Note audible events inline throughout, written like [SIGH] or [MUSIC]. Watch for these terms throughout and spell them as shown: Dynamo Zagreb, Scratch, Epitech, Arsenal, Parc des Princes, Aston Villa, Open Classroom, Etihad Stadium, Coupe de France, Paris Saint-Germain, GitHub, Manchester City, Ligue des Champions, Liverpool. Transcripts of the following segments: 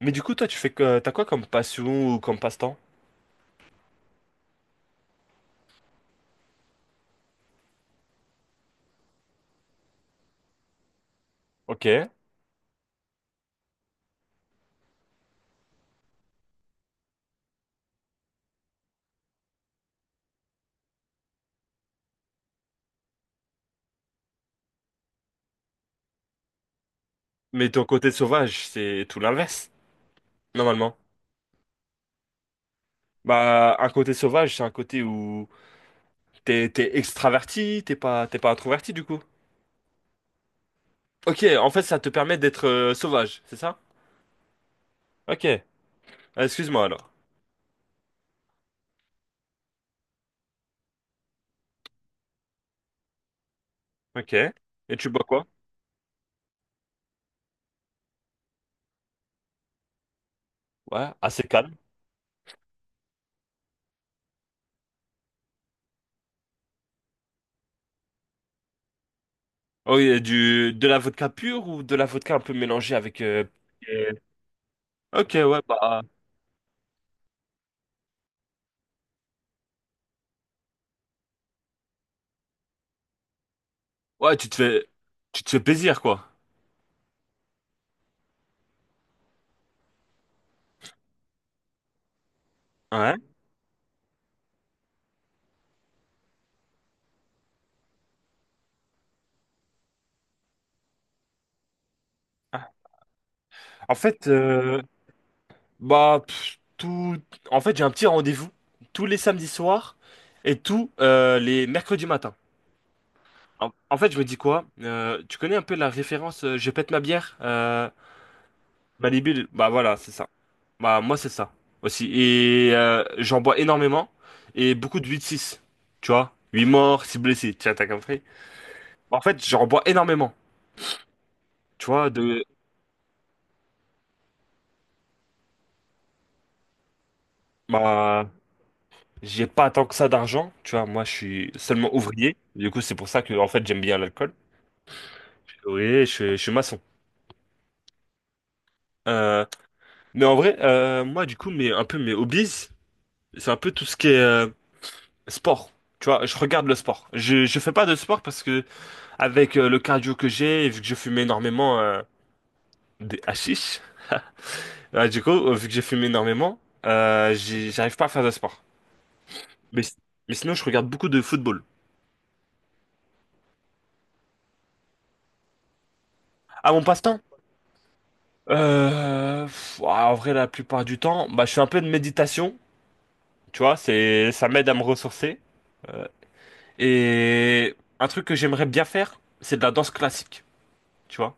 Mais du coup, toi, tu fais que t'as quoi comme passion ou comme passe-temps? Ok. Mais ton côté sauvage, c'est tout l'inverse, normalement. Bah, un côté sauvage, c'est un côté où t'es extraverti, t'es pas introverti du coup. Ok, en fait, ça te permet d'être sauvage, c'est ça? Ok. Ah, excuse-moi alors. Ok. Et tu bois quoi? Ouais, assez calme. Oh, et du de la vodka pure ou de la vodka un peu mélangée avec. Euh, Ok, ouais, bah ouais, tu te fais plaisir quoi. Ouais. Ah. En fait, bah, tout. En fait, j'ai un petit rendez-vous tous les samedis soirs et tous les mercredis matins. En fait, je me dis quoi? Tu connais un peu la référence Je pète ma bière? Malibu, bah voilà, c'est ça. Bah, moi, c'est ça aussi. Et j'en bois énormément et beaucoup de 8.6. Tu vois? Huit morts, six blessés. Tiens, t'as compris? Bah, en fait, j'en bois énormément. Tu vois? De. Bah. J'ai pas tant que ça d'argent, tu vois, moi je suis seulement ouvrier, du coup c'est pour ça que en fait j'aime bien l'alcool. Oui, je suis maçon. Euh, mais en vrai, moi, du coup, un peu mes hobbies, c'est un peu tout ce qui est sport. Tu vois, je regarde le sport. Je fais pas de sport parce que avec le cardio que j'ai, et vu que je fume énormément des hashish, du coup, vu que j'ai fumé énormément, j'arrive pas à faire de sport. Mais, mais sinon, je regarde beaucoup de football. À mon passe-temps, ah, en vrai, la plupart du temps, bah, je fais un peu de méditation. Tu vois, ça m'aide à me ressourcer. Euh, Et un truc que j'aimerais bien faire, c'est de la danse classique, tu vois.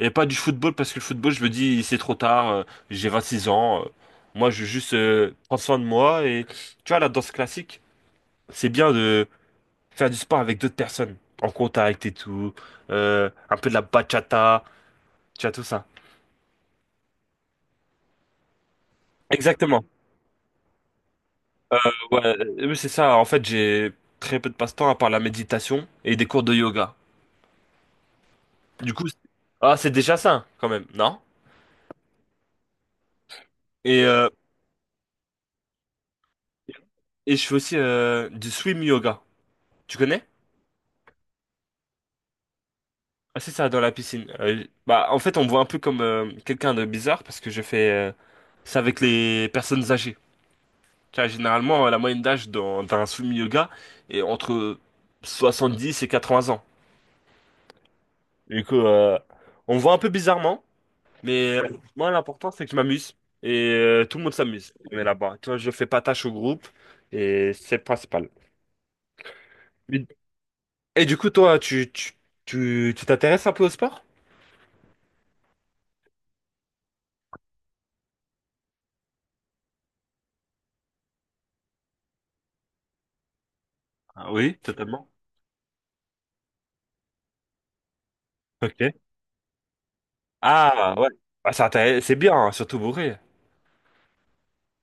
Et pas du football, parce que le football, je me dis, c'est trop tard, j'ai 6 ans, moi, je veux juste prendre soin de moi. Et tu vois, la danse classique, c'est bien de faire du sport avec d'autres personnes, en contact et tout, un peu de la bachata, tu vois, tout ça. Exactement. Ouais, oui, c'est ça. En fait, j'ai très peu de passe-temps à part la méditation et des cours de yoga. Du coup, ah, c'est déjà ça, quand même, non? Et euh, Et je fais aussi du swim yoga. Tu connais? Ah, c'est ça, dans la piscine. Bah, en fait, on me voit un peu comme quelqu'un de bizarre parce que je fais ça avec les personnes âgées. Tu vois, généralement, la moyenne d'âge d'un swim yoga est entre 70 et 80 ans. Du coup, on me voit un peu bizarrement, mais moi, l'important, c'est que je m'amuse. Et tout le monde s'amuse. On est là-bas. Tu vois, je fais pas tâche au groupe et c'est le principal. Mais- Et du coup, toi, tu t'intéresses un peu au sport? Ah oui, totalement. Ok. Ah ouais. Ah, c'est bien, hein, surtout bourré.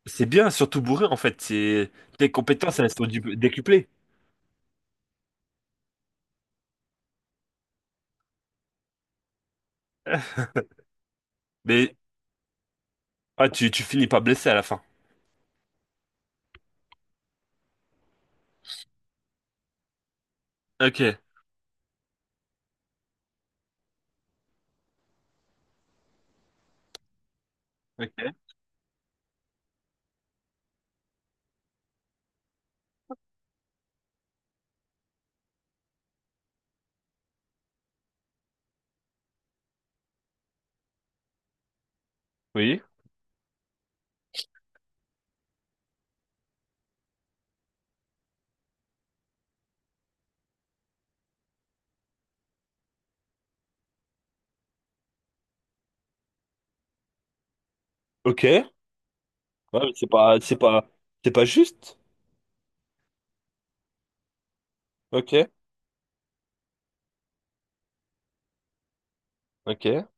C'est bien, surtout bourré, en fait. Tes compétences, elles sont décuplées. [LAUGHS] Mais tu finis pas blessé à la fin. Ok. Ok. Oui. Ok. Ouais, mais c'est pas juste. Ok. Ok.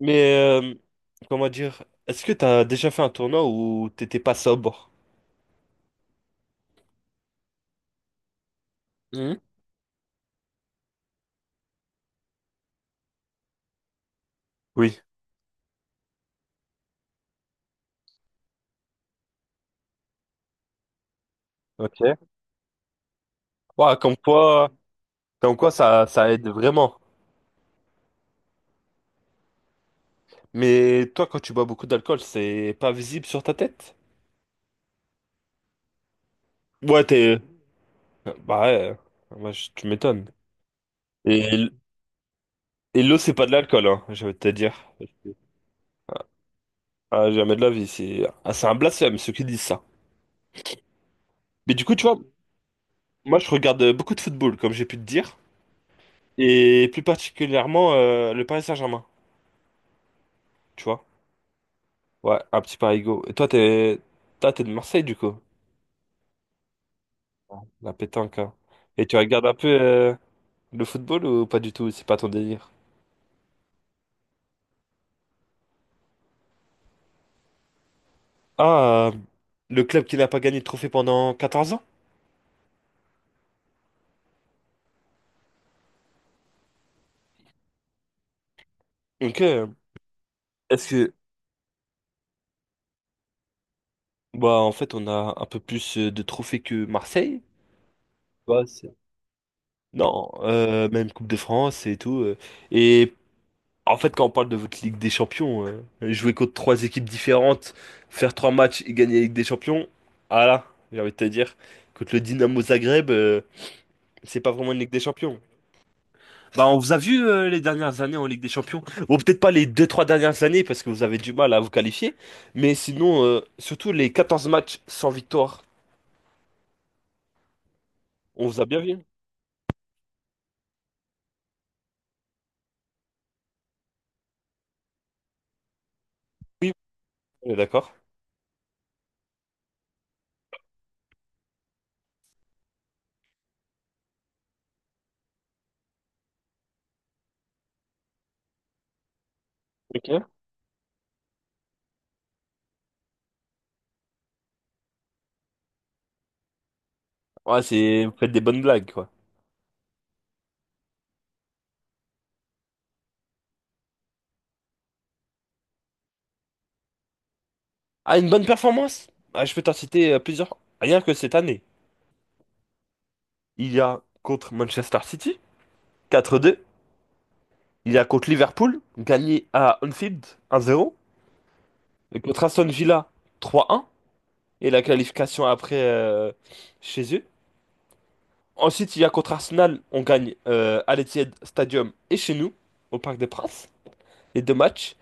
Mais euh, comment dire, est-ce que t'as déjà fait un tournoi où t'étais pas sobre? Hmm. Oui. Ok. Ouais, comme quoi ça, ça aide vraiment. Mais toi, quand tu bois beaucoup d'alcool, c'est pas visible sur ta tête? Ouais, t'es. Bah ouais, moi, tu m'étonnes. Et, l- et l'eau, c'est pas de l'alcool, hein, je vais te dire. Ah, jamais de la vie, c'est un blasphème, ceux qui disent ça. Mais du coup, tu vois, moi, je regarde beaucoup de football, comme j'ai pu te dire. Et plus particulièrement, le Paris Saint-Germain, tu vois. Ouais, un petit parigo. Toi, t'es de Marseille, du coup, la pétanque, hein. Et tu regardes un peu le football ou pas du tout? C'est pas ton délire? Ah, le club qui n'a pas gagné de trophée pendant 14 ans? Ok. Est-ce que... Bah, en fait, on a un peu plus de trophées que Marseille. Bah, non, même Coupe de France et tout. Et en fait, quand on parle de votre Ligue des Champions, jouer contre trois équipes différentes, faire trois matchs et gagner la Ligue des Champions, ah là, j'ai envie de te dire, contre le Dynamo Zagreb, c'est pas vraiment une Ligue des Champions. Bah, on vous a vu les dernières années en Ligue des Champions. Bon, peut-être pas les deux trois dernières années parce que vous avez du mal à vous qualifier. Mais sinon, surtout les 14 matchs sans victoire, on vous a bien vu. Oui, on est d'accord. Ok. Ouais, vous faites des bonnes blagues, quoi. Ah, une bonne performance? Ah, je peux t'en citer plusieurs. Rien que cette année. Il y a contre Manchester City, 4-2. Il y a contre Liverpool, gagné à Anfield, 1-0. Et contre Aston Villa, 3-1. Et la qualification après chez eux. Ensuite, il y a contre Arsenal, on gagne à l'Etihad Stadium et chez nous, au Parc des Princes, les deux matchs.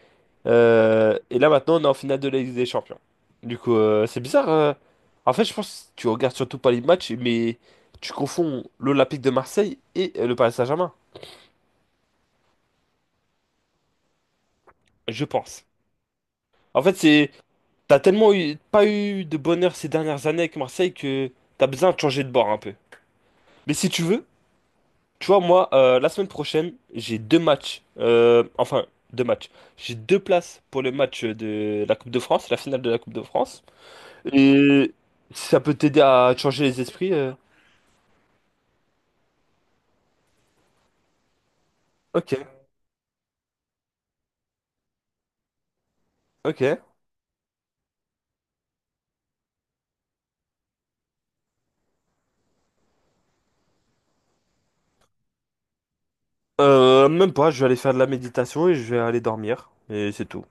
Et là, maintenant, on est en finale de la Ligue des Champions. Du coup, c'est bizarre. En fait, je pense que tu regardes surtout pas les matchs, mais tu confonds l'Olympique de Marseille et le Paris Saint-Germain, je pense. En fait, c'est t'as tellement pas eu de bonheur ces dernières années avec Marseille que t'as besoin de changer de bord un peu. Mais si tu veux, tu vois, moi, la semaine prochaine, j'ai deux matchs. Enfin, deux matchs. J'ai deux places pour le match de la Coupe de France, la finale de la Coupe de France. Et si ça peut t'aider à te changer les esprits. Ok, ok. Même pas, je vais aller faire de la méditation et je vais aller dormir. Et c'est tout.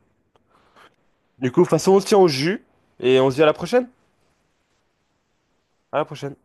Du coup, de toute façon, on se tient au jus. Et on se dit à la prochaine. À la prochaine.